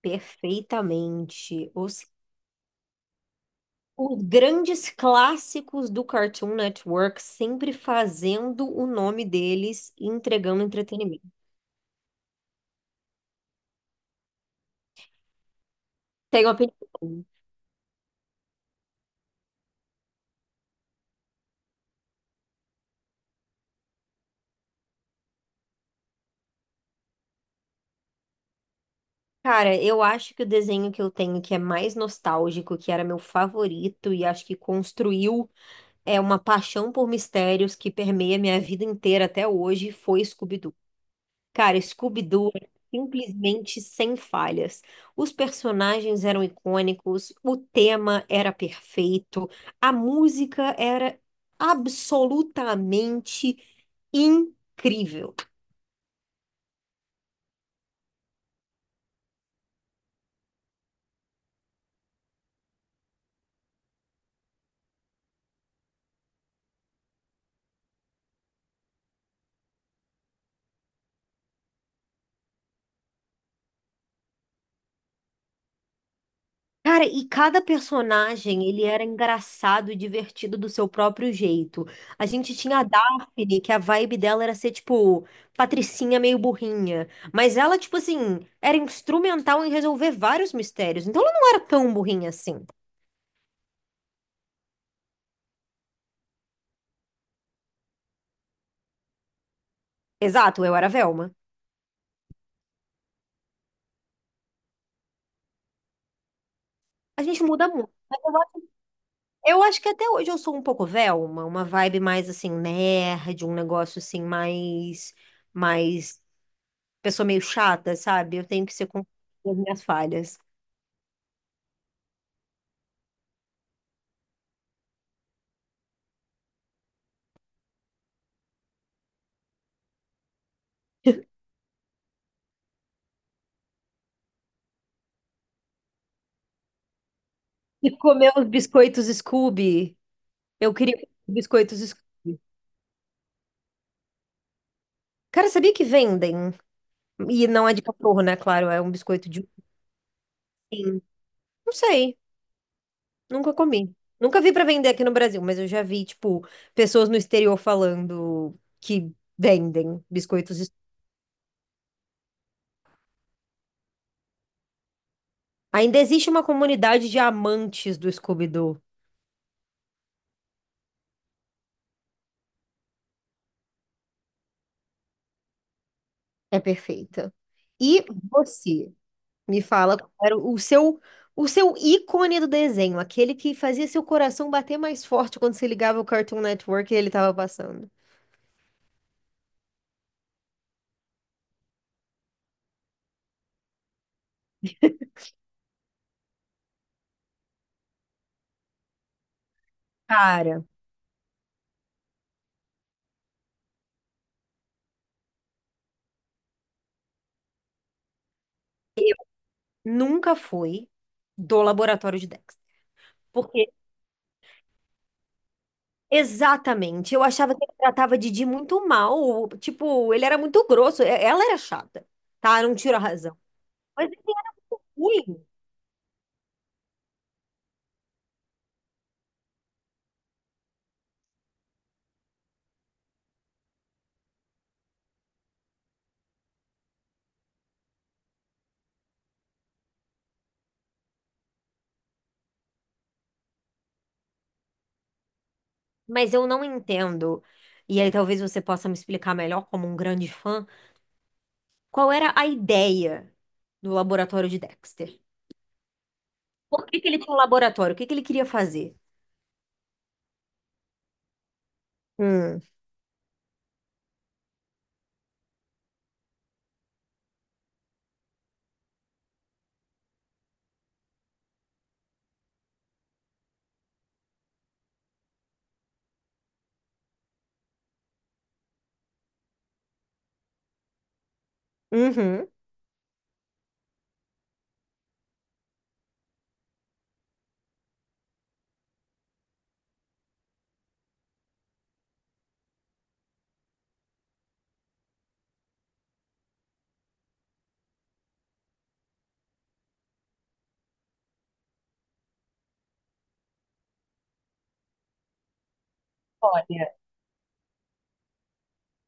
Perfeitamente. Os grandes clássicos do Cartoon Network sempre fazendo o nome deles e entregando entretenimento. Tenho opinião. Cara, eu acho que o desenho que eu tenho que é mais nostálgico, que era meu favorito e acho que construiu é uma paixão por mistérios que permeia minha vida inteira até hoje, foi Scooby-Doo. Cara, Scooby-Doo é simplesmente sem falhas. Os personagens eram icônicos, o tema era perfeito, a música era absolutamente incrível. Cara, e cada personagem, ele era engraçado e divertido do seu próprio jeito. A gente tinha a Daphne, que a vibe dela era ser, tipo, patricinha meio burrinha. Mas ela, tipo assim, era instrumental em resolver vários mistérios. Então ela não era tão burrinha assim. Exato, eu era Velma. A gente muda muito. Mas eu acho que até hoje eu sou um pouco Velma, uma vibe mais assim, nerd, um negócio assim, mais pessoa meio chata, sabe? Eu tenho que ser com as minhas falhas. E comer os biscoitos Scooby. Eu queria os biscoitos Scooby. Cara, sabia que vendem? E não é de cachorro, né? Claro, é um biscoito de. Não sei, nunca comi. Nunca vi pra vender aqui no Brasil, mas eu já vi, tipo, pessoas no exterior falando que vendem biscoitos. Ainda existe uma comunidade de amantes do Scooby-Doo. É perfeita. E você? Me fala qual era o seu ícone do desenho, aquele que fazia seu coração bater mais forte quando você ligava o Cartoon Network e ele estava passando. Cara, nunca foi do laboratório de Dexter. Porque, exatamente, eu achava que ele tratava Didi muito mal. Tipo, ele era muito grosso. Ela era chata, tá? Não tiro a razão. Mas ele era ruim. Mas eu não entendo, e aí talvez você possa me explicar melhor, como um grande fã, qual era a ideia do laboratório de Dexter? Por que que ele tinha um laboratório? O que que ele queria fazer? Hum. Uhum. Olha,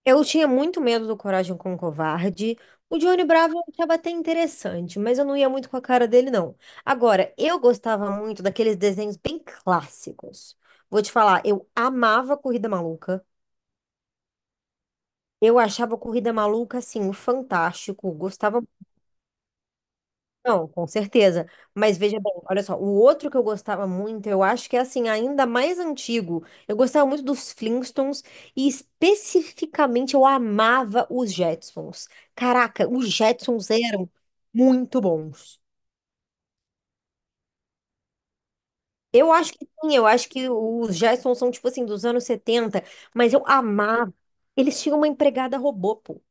eu tinha muito medo do Coragem com o Covarde. O Johnny Bravo eu achava até interessante, mas eu não ia muito com a cara dele, não. Agora, eu gostava muito daqueles desenhos bem clássicos. Vou te falar, eu amava Corrida Maluca. Eu achava Corrida Maluca, assim, fantástico. Gostava. Não, com certeza. Mas veja bem, olha só, o outro que eu gostava muito, eu acho que é assim, ainda mais antigo. Eu gostava muito dos Flintstones e especificamente eu amava os Jetsons. Caraca, os Jetsons eram muito bons. Eu acho que sim, eu acho que os Jetsons são tipo assim dos anos 70, mas eu amava. Eles tinham uma empregada robô, pô.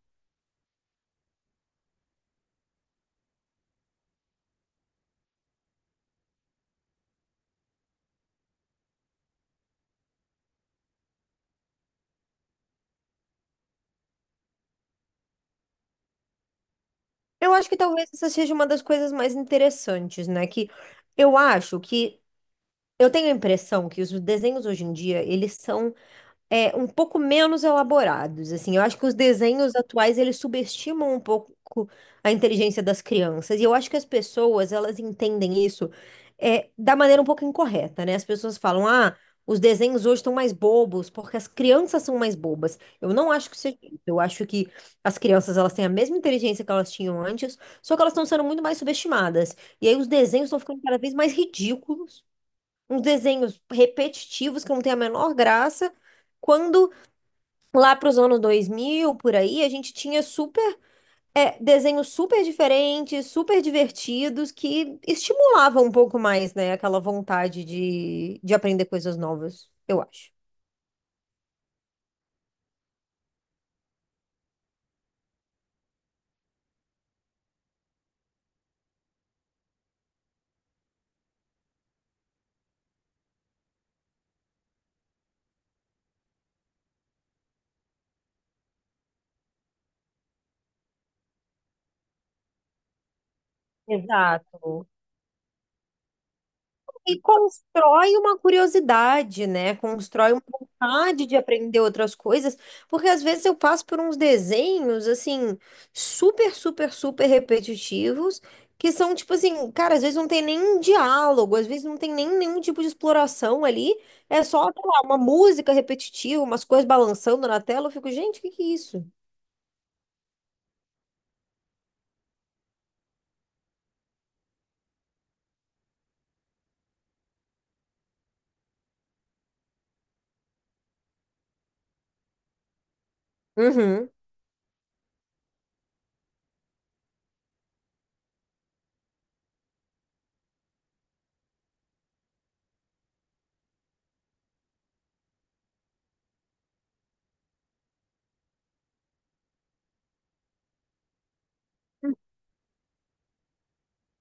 Eu acho que talvez essa seja uma das coisas mais interessantes, né? Que eu acho que eu tenho a impressão que os desenhos hoje em dia, eles são um pouco menos elaborados, assim. Eu acho que os desenhos atuais, eles subestimam um pouco a inteligência das crianças. E eu acho que as pessoas, elas entendem isso da maneira um pouco incorreta, né? As pessoas falam, ah, os desenhos hoje estão mais bobos porque as crianças são mais bobas. Eu não acho que seja isso. Eu acho que as crianças, elas têm a mesma inteligência que elas tinham antes, só que elas estão sendo muito mais subestimadas. E aí os desenhos estão ficando cada vez mais ridículos, uns desenhos repetitivos que não tem a menor graça. Quando lá para os anos 2000 por aí, a gente tinha super desenhos super diferentes, super divertidos, que estimulavam um pouco mais, né, aquela vontade de aprender coisas novas, eu acho. Exato. E constrói uma curiosidade, né? Constrói uma vontade de aprender outras coisas, porque às vezes eu passo por uns desenhos, assim, super, super, super repetitivos, que são tipo assim, cara, às vezes não tem nem diálogo, às vezes não tem nem nenhum tipo de exploração ali, é só, sei lá, uma música repetitiva, umas coisas balançando na tela, eu fico, gente, o que que é isso? Uhum.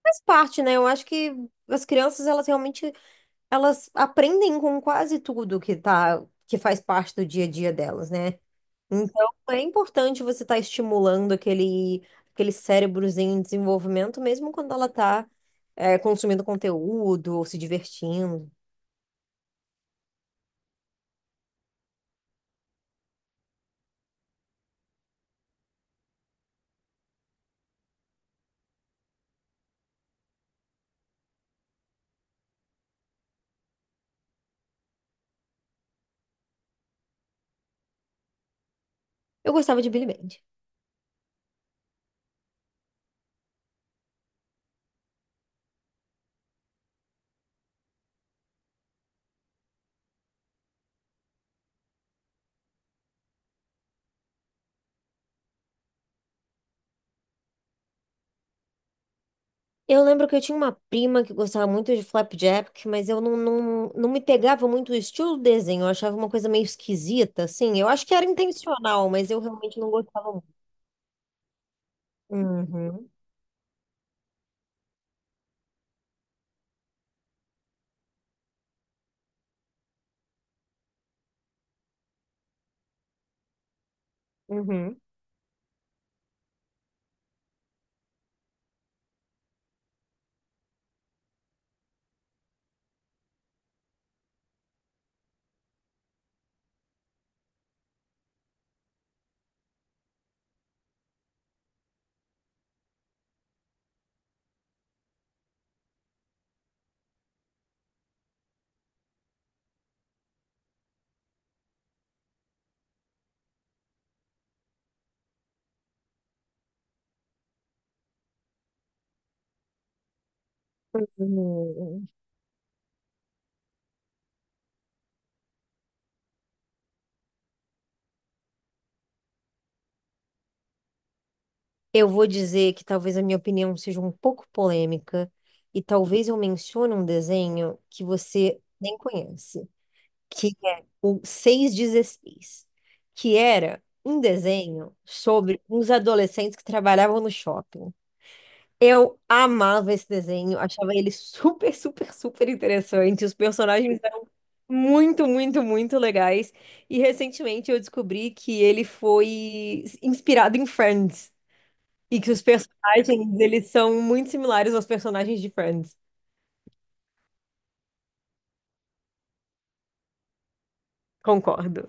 Faz parte, né? Eu acho que as crianças, elas realmente elas aprendem com quase tudo que tá, que faz parte do dia a dia delas, né? Então, é importante você estar estimulando aquele, aquele cérebrozinho em desenvolvimento, mesmo quando ela tá, consumindo conteúdo ou se divertindo. Eu gostava de Billy Band. Eu lembro que eu tinha uma prima que gostava muito de Flapjack, mas eu não me pegava muito o estilo do desenho. Eu achava uma coisa meio esquisita, assim. Eu acho que era intencional, mas eu realmente não gostava muito. Uhum, uhum. Uhum. Eu vou dizer que talvez a minha opinião seja um pouco polêmica e talvez eu mencione um desenho que você nem conhece, que é o 616, que era um desenho sobre uns adolescentes que trabalhavam no shopping. Eu amava esse desenho, achava ele super, super, super interessante. Os personagens eram muito, muito, muito legais. E recentemente eu descobri que ele foi inspirado em Friends. E que os personagens, eles são muito similares aos personagens de Friends. Concordo.